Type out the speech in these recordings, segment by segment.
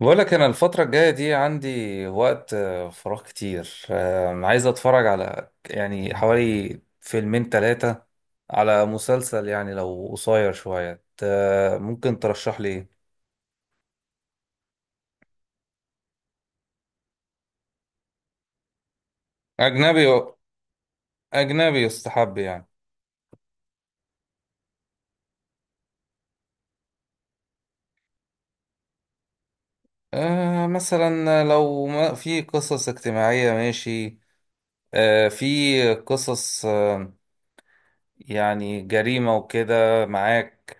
بقولك أنا الفترة الجاية دي عندي وقت، فراغ كتير، عايز أتفرج على يعني حوالي فيلمين تلاتة على مسلسل. يعني لو قصير شوية ممكن ترشح لي إيه؟ أجنبي. أجنبي يستحب يعني. آه مثلا لو ما في قصص اجتماعية ماشي. آه في قصص، آه يعني جريمة وكده معاك؟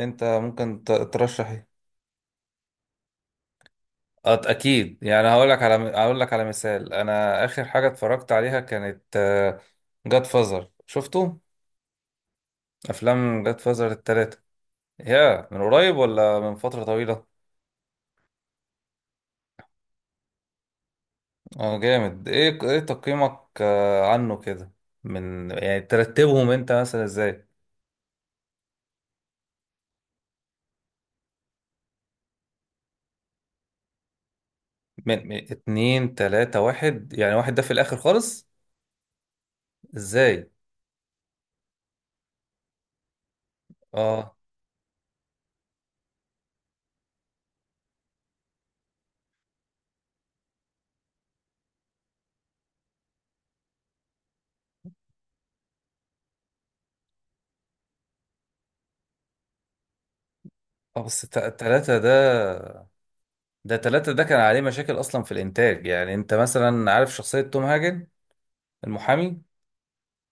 أنت ممكن ترشح إيه؟ اكيد يعني. هقول لك على مثال. انا اخر حاجه اتفرجت عليها كانت جاد فازر. شفتوا افلام جاد فازر الثلاثه؟ يا من قريب ولا من فتره طويله؟ اه جامد. ايه ايه تقييمك عنه كده؟ من يعني ترتبهم انت مثلا ازاي؟ من اتنين تلاته واحد؟ يعني واحد ده في الاخر خالص؟ ازاي؟ اه. اه بس تلاتة ده، ده تلاتة ده كان عليه مشاكل أصلا في الإنتاج. يعني أنت مثلا عارف شخصية توم هاجن المحامي؟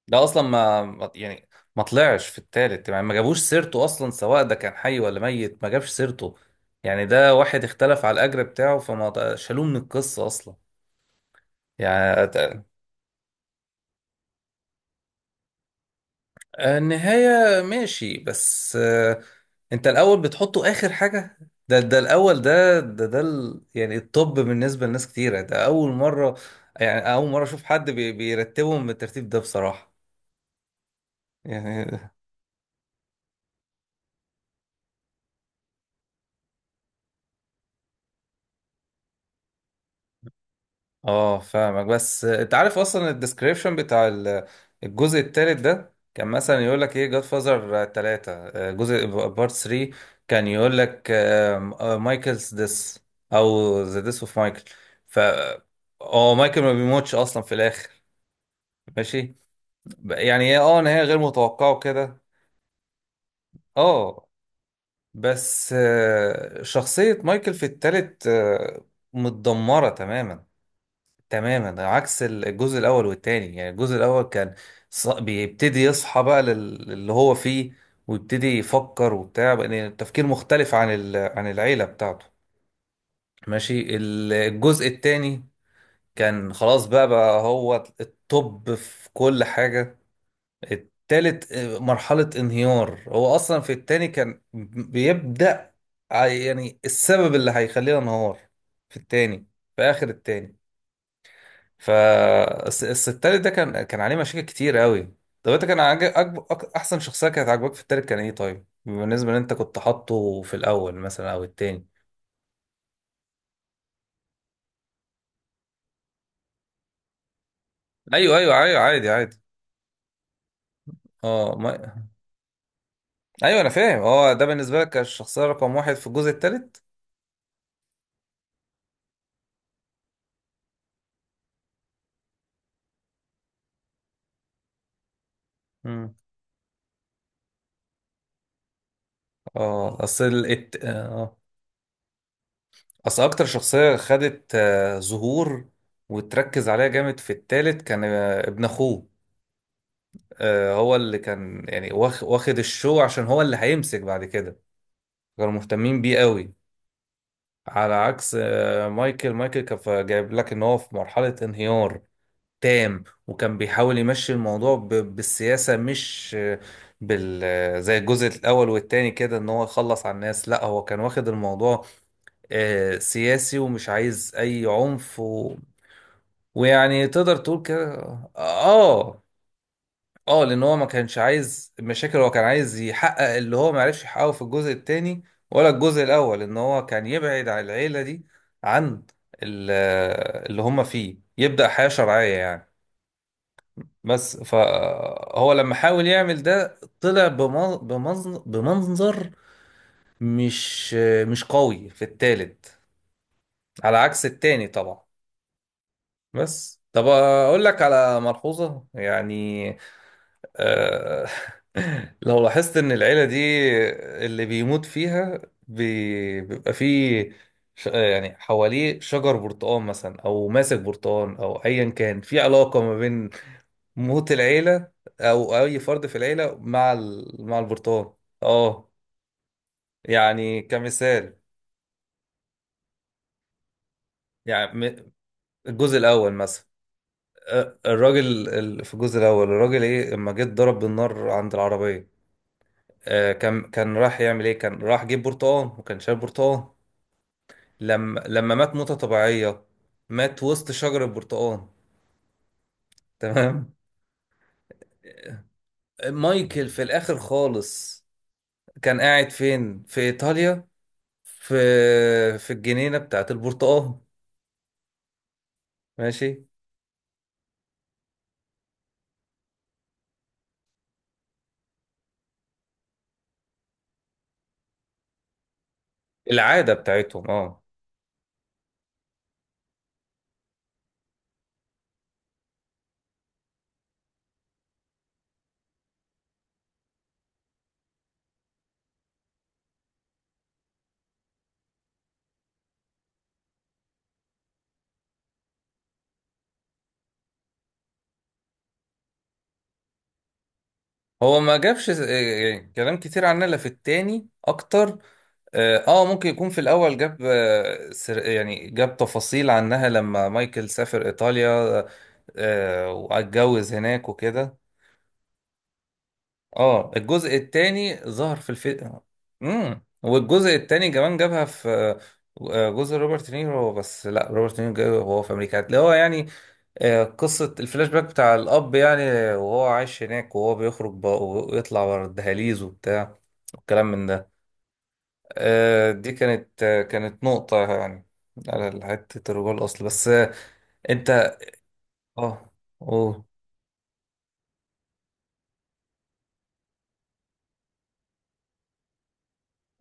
ده اصلا يعني ما طلعش في التالت. يعني ما جابوش سيرته اصلا، سواء ده كان حي ولا ميت ما جابش سيرته. يعني ده واحد اختلف على الاجر بتاعه شالوه من القصة اصلا. يعني ت- النهاية ماشي، بس انت الاول بتحطه اخر حاجة؟ ده الاول، ده يعني الطب بالنسبة لناس كتيرة ده اول مرة. يعني اول مرة اشوف حد بيرتبهم بالترتيب ده بصراحة يعني. اه فاهمك، بس انت عارف اصلا الديسكريبشن بتاع الجزء التالت ده؟ كان مثلا يقول لك ايه؟ جاد فازر 3، جزء بارت 3، كان يقول لك مايكلز ديس او ذا ديس اوف مايكل. ف اه مايكل ما بيموتش اصلا في الاخر، ماشي. يعني هي اه نهايه غير متوقعه وكده، اه. بس شخصيه مايكل في التالت متدمره تماما. تماما ده عكس الجزء الاول والتاني. يعني الجزء الاول كان بيبتدي يصحى بقى اللي هو فيه، ويبتدي يفكر وبتاع بقى. يعني التفكير مختلف عن عن العيلة بتاعته، ماشي. الجزء التاني كان خلاص بقى، هو الطب في كل حاجة. التالت مرحلة انهيار. هو اصلا في التاني كان بيبدأ، يعني السبب اللي هيخلينا انهار في التاني، في اخر التاني. فالتالت ده كان عليه مشاكل كتير قوي. طب انت كان عاجب احسن شخصيه كانت عاجباك في التالت كان ايه؟ طيب بالنسبه ان انت كنت حاطه في الاول مثلا او التاني؟ ايوه ايوه ايوه، عادي عادي. اه ما... ايوه انا فاهم. اه ده بالنسبه لك كان الشخصيه رقم واحد في الجزء التالت؟ امم. اه اصل ال... الت- اه اصل اكتر شخصيه خدت ظهور وتركز عليها جامد في التالت كان ابن اخوه. هو اللي كان يعني واخد الشو عشان هو اللي هيمسك بعد كده. كانوا مهتمين بيه قوي. على عكس مايكل. مايكل كان جايب لك ان هو في مرحلة انهيار تام، وكان بيحاول يمشي الموضوع بالسياسة، مش آه، بال آه، زي الجزء الاول والتاني كده ان هو يخلص على الناس. لا، هو كان واخد الموضوع سياسي ومش عايز اي عنف و... ويعني تقدر تقول كده اه اه. لان هو ما كانش عايز مشاكل. هو كان عايز يحقق اللي هو ما عرفش يحققه في الجزء الثاني ولا الجزء الاول، ان هو كان يبعد عن العيله دي، عن ال- اللي هم فيه، يبدا حياه شرعيه يعني. بس فهو لما حاول يعمل ده طلع بمنظر مش مش قوي في التالت، على عكس التاني طبعا. بس طب اقول لك على ملحوظه يعني آه، لو لاحظت ان العيلة دي اللي بيموت فيها بيبقى فيه يعني حواليه شجر برتقال مثلا او ماسك برتقال، او ايا كان في علاقة ما بين موت العيلة او اي فرد في العيلة مع مع البرتقال. اه يعني كمثال. يعني م- الجزء الاول مثلا الراجل في الجزء الاول الراجل ايه اما جه اتضرب بالنار عند العربية، كان كان راح يعمل ايه كان راح جيب برتقال وكان شارب برتقال. لما مات موتة طبيعية، مات وسط شجر البرتقال، تمام. مايكل في الاخر خالص كان قاعد فين؟ في ايطاليا، في في الجنينة بتاعت البرتقال، ماشي. العادة بتاعتهم اه. هو ما جابش يعني كلام كتير عنها، لا في التاني اكتر. اه ممكن يكون في الاول جاب سر، يعني جاب تفاصيل عنها لما مايكل سافر ايطاليا آه، واتجوز هناك وكده. اه الجزء التاني ظهر في الفيلم. امم، والجزء التاني كمان جابها في جزء روبرت نيرو. بس لا، روبرت نيرو جابه وهو في امريكا، اللي هو يعني قصة الفلاش باك بتاع الاب يعني، وهو عايش هناك وهو بيخرج بقى ويطلع ورا الدهاليز وبتاع، والكلام من ده. دي كانت كانت نقطة يعني على حتة الرجوع الأصل. بس أنت. أه. أوه.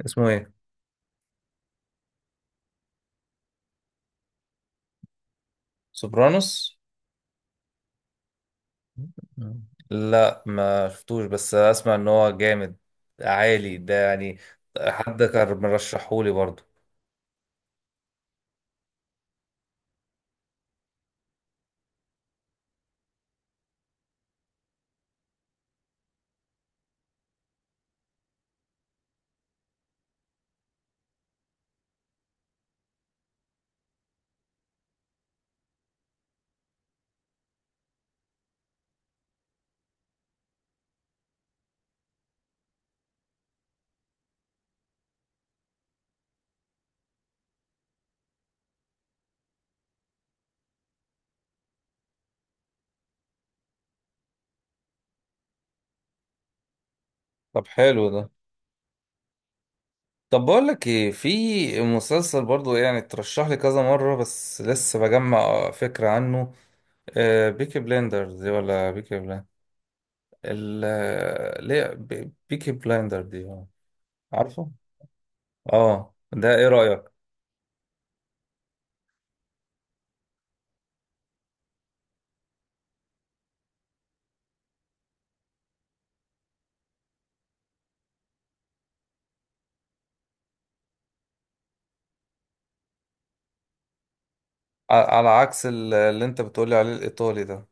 اسمه إيه؟ سوبرانوس؟ لا ما شفتوش، بس أسمع إن هو جامد عالي ده يعني. حد كان مرشحهولي برضه. طب حلو ده. طب بقول لك إيه، في مسلسل برضه يعني ترشح لي كذا مرة بس لسه بجمع فكرة عنه. بيكي بليندرز، ولا بيكي بليندرز ال ليه بيكي بلايندر دي عارفه؟ اه ده ايه رأيك؟ على عكس اللي انت بتقولي عليه الايطالي ده.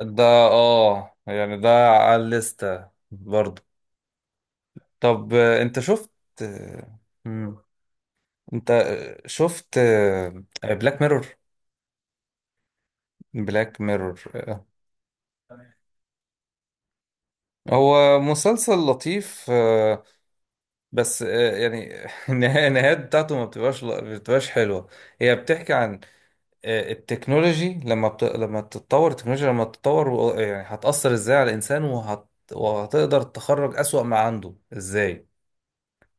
ده اه يعني ده على الليستة برضه. طب انت شفت آه، مم. انت شفت بلاك ميرور؟ بلاك ميرور هو مسلسل لطيف، بس يعني النهايات بتاعته ما بتبقاش حلوة. هي بتحكي عن التكنولوجي، لما تتطور التكنولوجيا لما تتطور، يعني هتأثر ازاي على الإنسان وهتقدر تخرج أسوأ ما عنده ازاي.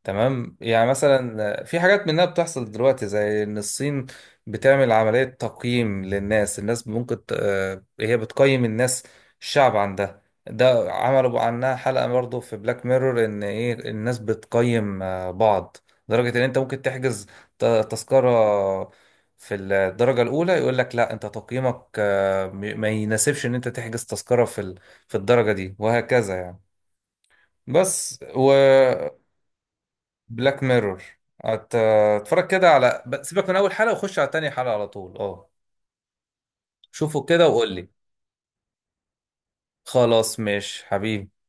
تمام. يعني مثلا في حاجات منها بتحصل دلوقتي، زي ان الصين بتعمل عملية تقييم للناس. الناس ممكن هي بتقيم الناس، الشعب عندها. ده عملوا عنها حلقة برضه في بلاك ميرور، ان ايه الناس بتقيم بعض، لدرجة ان انت ممكن تحجز تذكرة في الدرجة الأولى يقول لك لا، انت تقييمك ما يناسبش ان انت تحجز تذكرة في في الدرجة دي، وهكذا يعني. بس بلاك ميرور اتفرج كده على سيبك من اول حلقه وخش على تاني حلقه على طول، اه. شوفه كده وقول لي. خلاص ماشي حبيبي.